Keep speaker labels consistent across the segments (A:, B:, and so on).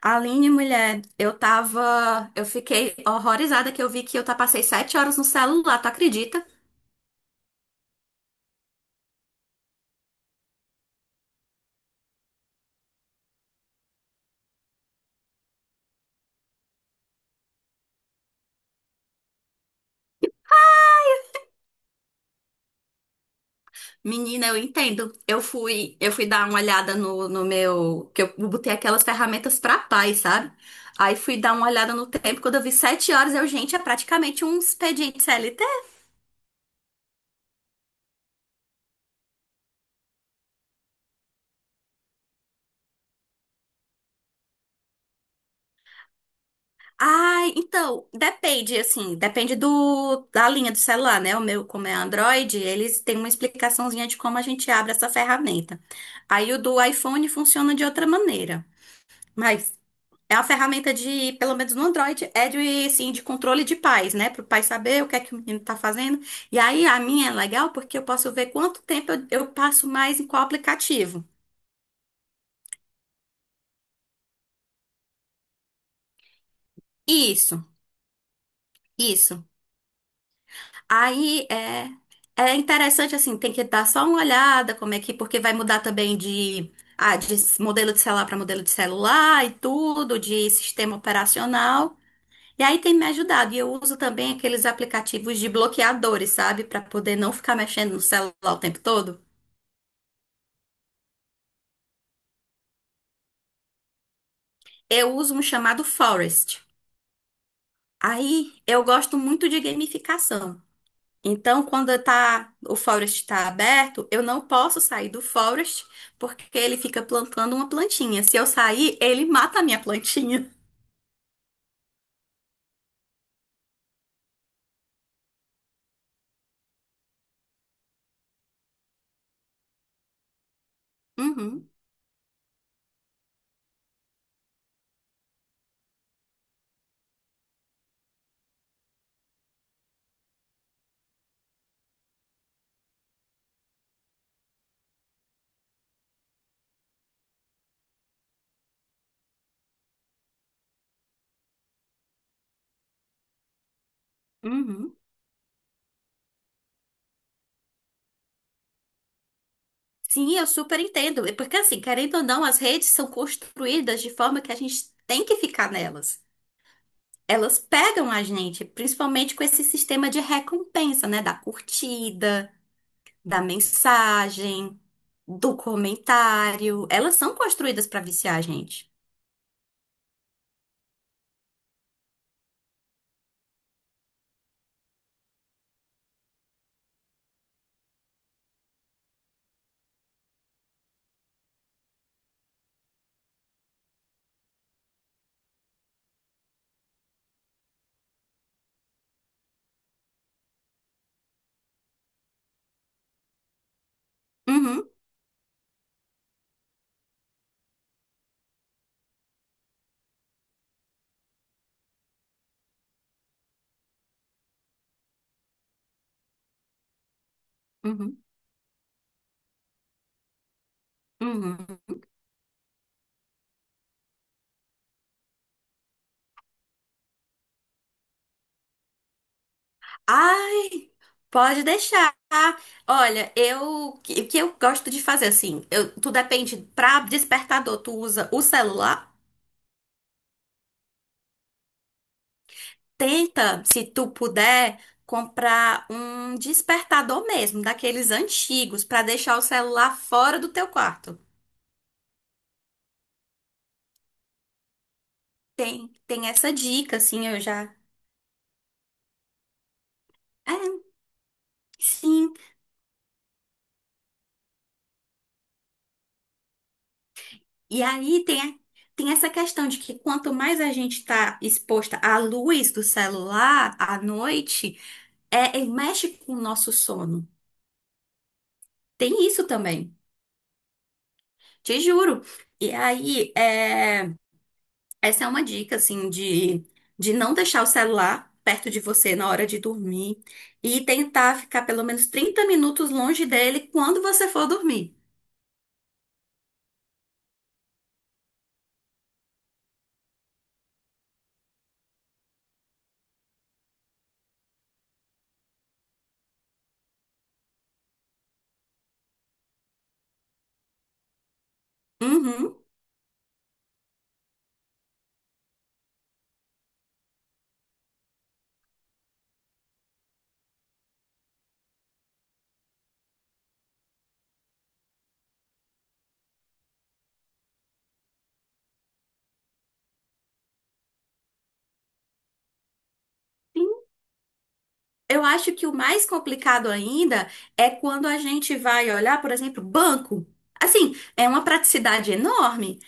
A: Aline, mulher, eu tava. Eu fiquei horrorizada que eu vi que eu passei 7 horas no celular, tu acredita? Menina, eu entendo. Eu fui dar uma olhada no meu. Que eu botei aquelas ferramentas pra paz, sabe? Aí fui dar uma olhada no tempo, quando eu vi 7 horas, eu, gente, é praticamente um expediente. Ai, então, depende, assim, depende da linha do celular, né? O meu, como é Android, eles têm uma explicaçãozinha de como a gente abre essa ferramenta. Aí o do iPhone funciona de outra maneira, mas é uma ferramenta de, pelo menos no Android, é de, assim, de controle de pais, né? Para o pai saber o que é que o menino tá fazendo. E aí a minha é legal porque eu posso ver quanto tempo eu passo mais em qual aplicativo. Isso, isso. Aí é, é interessante assim, tem que dar só uma olhada como é que, porque vai mudar também de, ah, de modelo de celular para modelo de celular e tudo, de sistema operacional. E aí tem me ajudado. E eu uso também aqueles aplicativos de bloqueadores, sabe? Para poder não ficar mexendo no celular o tempo todo. Eu uso um chamado Forest. Aí eu gosto muito de gamificação. Então, quando tá, o Forest está aberto, eu não posso sair do Forest porque ele fica plantando uma plantinha. Se eu sair, ele mata a minha plantinha. Uhum, uhum. Sim, eu super entendo. É. Porque, assim, querendo ou não, as redes são construídas de forma que a gente tem que ficar nelas. Elas pegam a gente, principalmente com esse sistema de recompensa, né? Da curtida, da mensagem, do comentário. Elas são construídas para viciar a gente. Uhum, uhum. Uhum. Ai, pode deixar. Olha, eu o que eu gosto de fazer assim, eu, tu depende para despertador, tu usa o celular? Tenta, se tu puder, comprar um despertador mesmo, daqueles antigos, para deixar o celular fora do teu quarto. Tem, tem essa dica, assim, eu já. É, sim. E aí tem, tem essa questão de que quanto mais a gente está exposta à luz do celular à noite é, e mexe com o nosso sono. Tem isso também, te juro. E aí, é, essa é uma dica, assim, de não deixar o celular perto de você na hora de dormir e tentar ficar pelo menos 30 minutos longe dele quando você for dormir. Uhum. Eu acho que o mais complicado ainda é quando a gente vai olhar, por exemplo, banco. Assim, é uma praticidade enorme.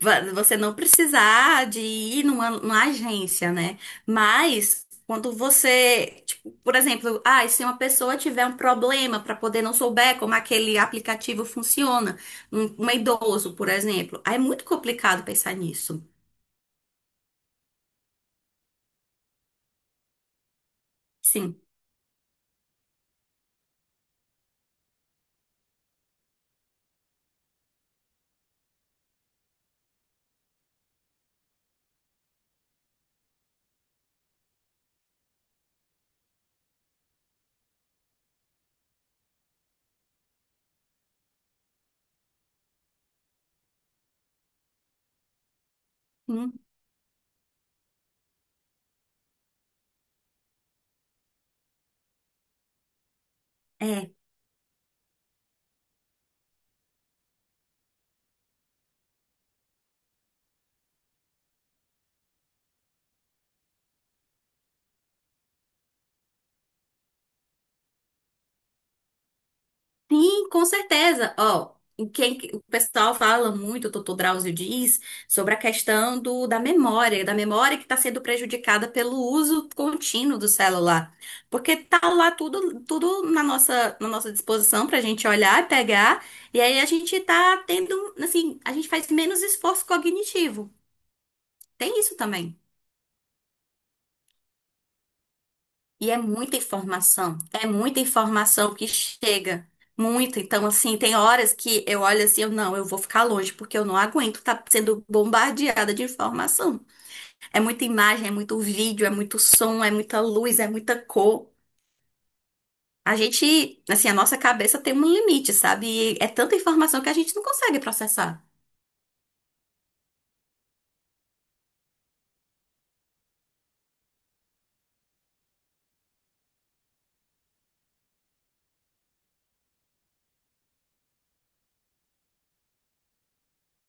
A: Você não precisar de ir numa agência, né? Mas quando você, tipo, por exemplo, ah, se uma pessoa tiver um problema para poder não souber como aquele aplicativo funciona, um idoso, por exemplo, aí é muito complicado pensar nisso. Sim. Hum. É. Sim, com certeza. Ó, o pessoal fala muito, o doutor Drauzio diz, sobre a questão do, da memória que está sendo prejudicada pelo uso contínuo do celular. Porque tá lá tudo, tudo na nossa disposição para a gente olhar e pegar, e aí a gente tá tendo, assim, a gente faz menos esforço cognitivo. Tem isso também. E é muita informação que chega, muita. Então, assim, tem horas que eu olho assim, eu não, eu vou ficar longe, porque eu não aguento estar sendo bombardeada de informação. É muita imagem, é muito vídeo, é muito som, é muita luz, é muita cor. A gente, assim, a nossa cabeça tem um limite, sabe? E é tanta informação que a gente não consegue processar.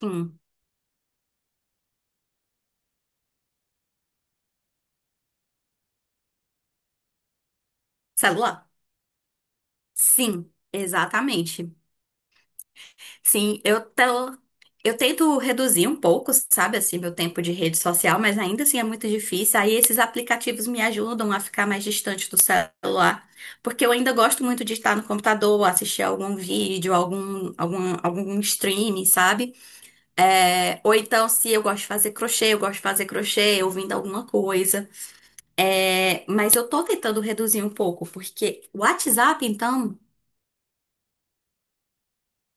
A: Hum, celular? Sim, exatamente. Sim, eu tô. Eu tento reduzir um pouco, sabe, assim, meu tempo de rede social, mas ainda assim é muito difícil. Aí esses aplicativos me ajudam a ficar mais distante do celular, porque eu ainda gosto muito de estar no computador, assistir algum vídeo, algum streaming, sabe? É, ou então, se eu gosto de fazer crochê, eu gosto de fazer crochê, ouvindo alguma coisa. É, mas eu tô tentando reduzir um pouco, porque o WhatsApp, então.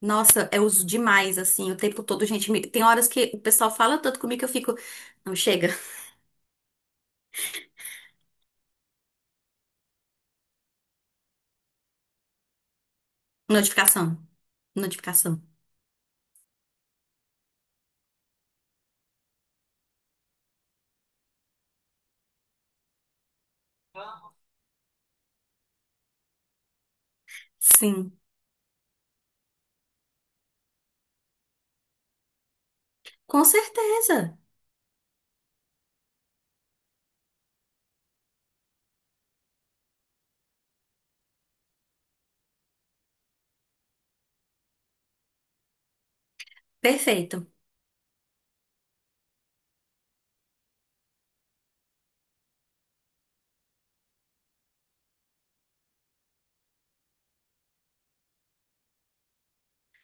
A: Nossa, eu uso demais, assim, o tempo todo, gente. Tem horas que o pessoal fala tanto comigo que eu fico. Não, chega. Notificação. Notificação. Sim, com certeza. Perfeito.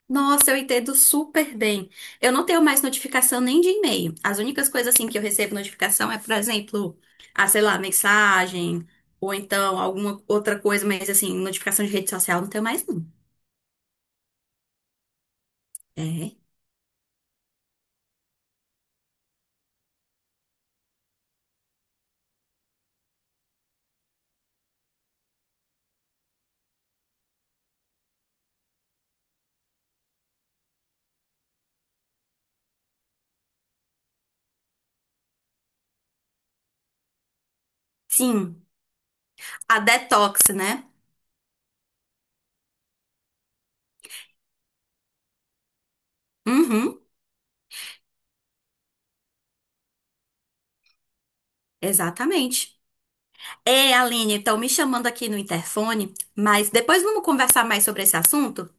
A: Nossa, eu entendo super bem. Eu não tenho mais notificação nem de e-mail. As únicas coisas assim que eu recebo notificação é, por exemplo, ah, sei lá, mensagem ou então alguma outra coisa, mas assim, notificação de rede social não tenho mais não. É. Sim, a detox, né? Uhum, exatamente. É, Aline, estão me chamando aqui no interfone, mas depois vamos conversar mais sobre esse assunto?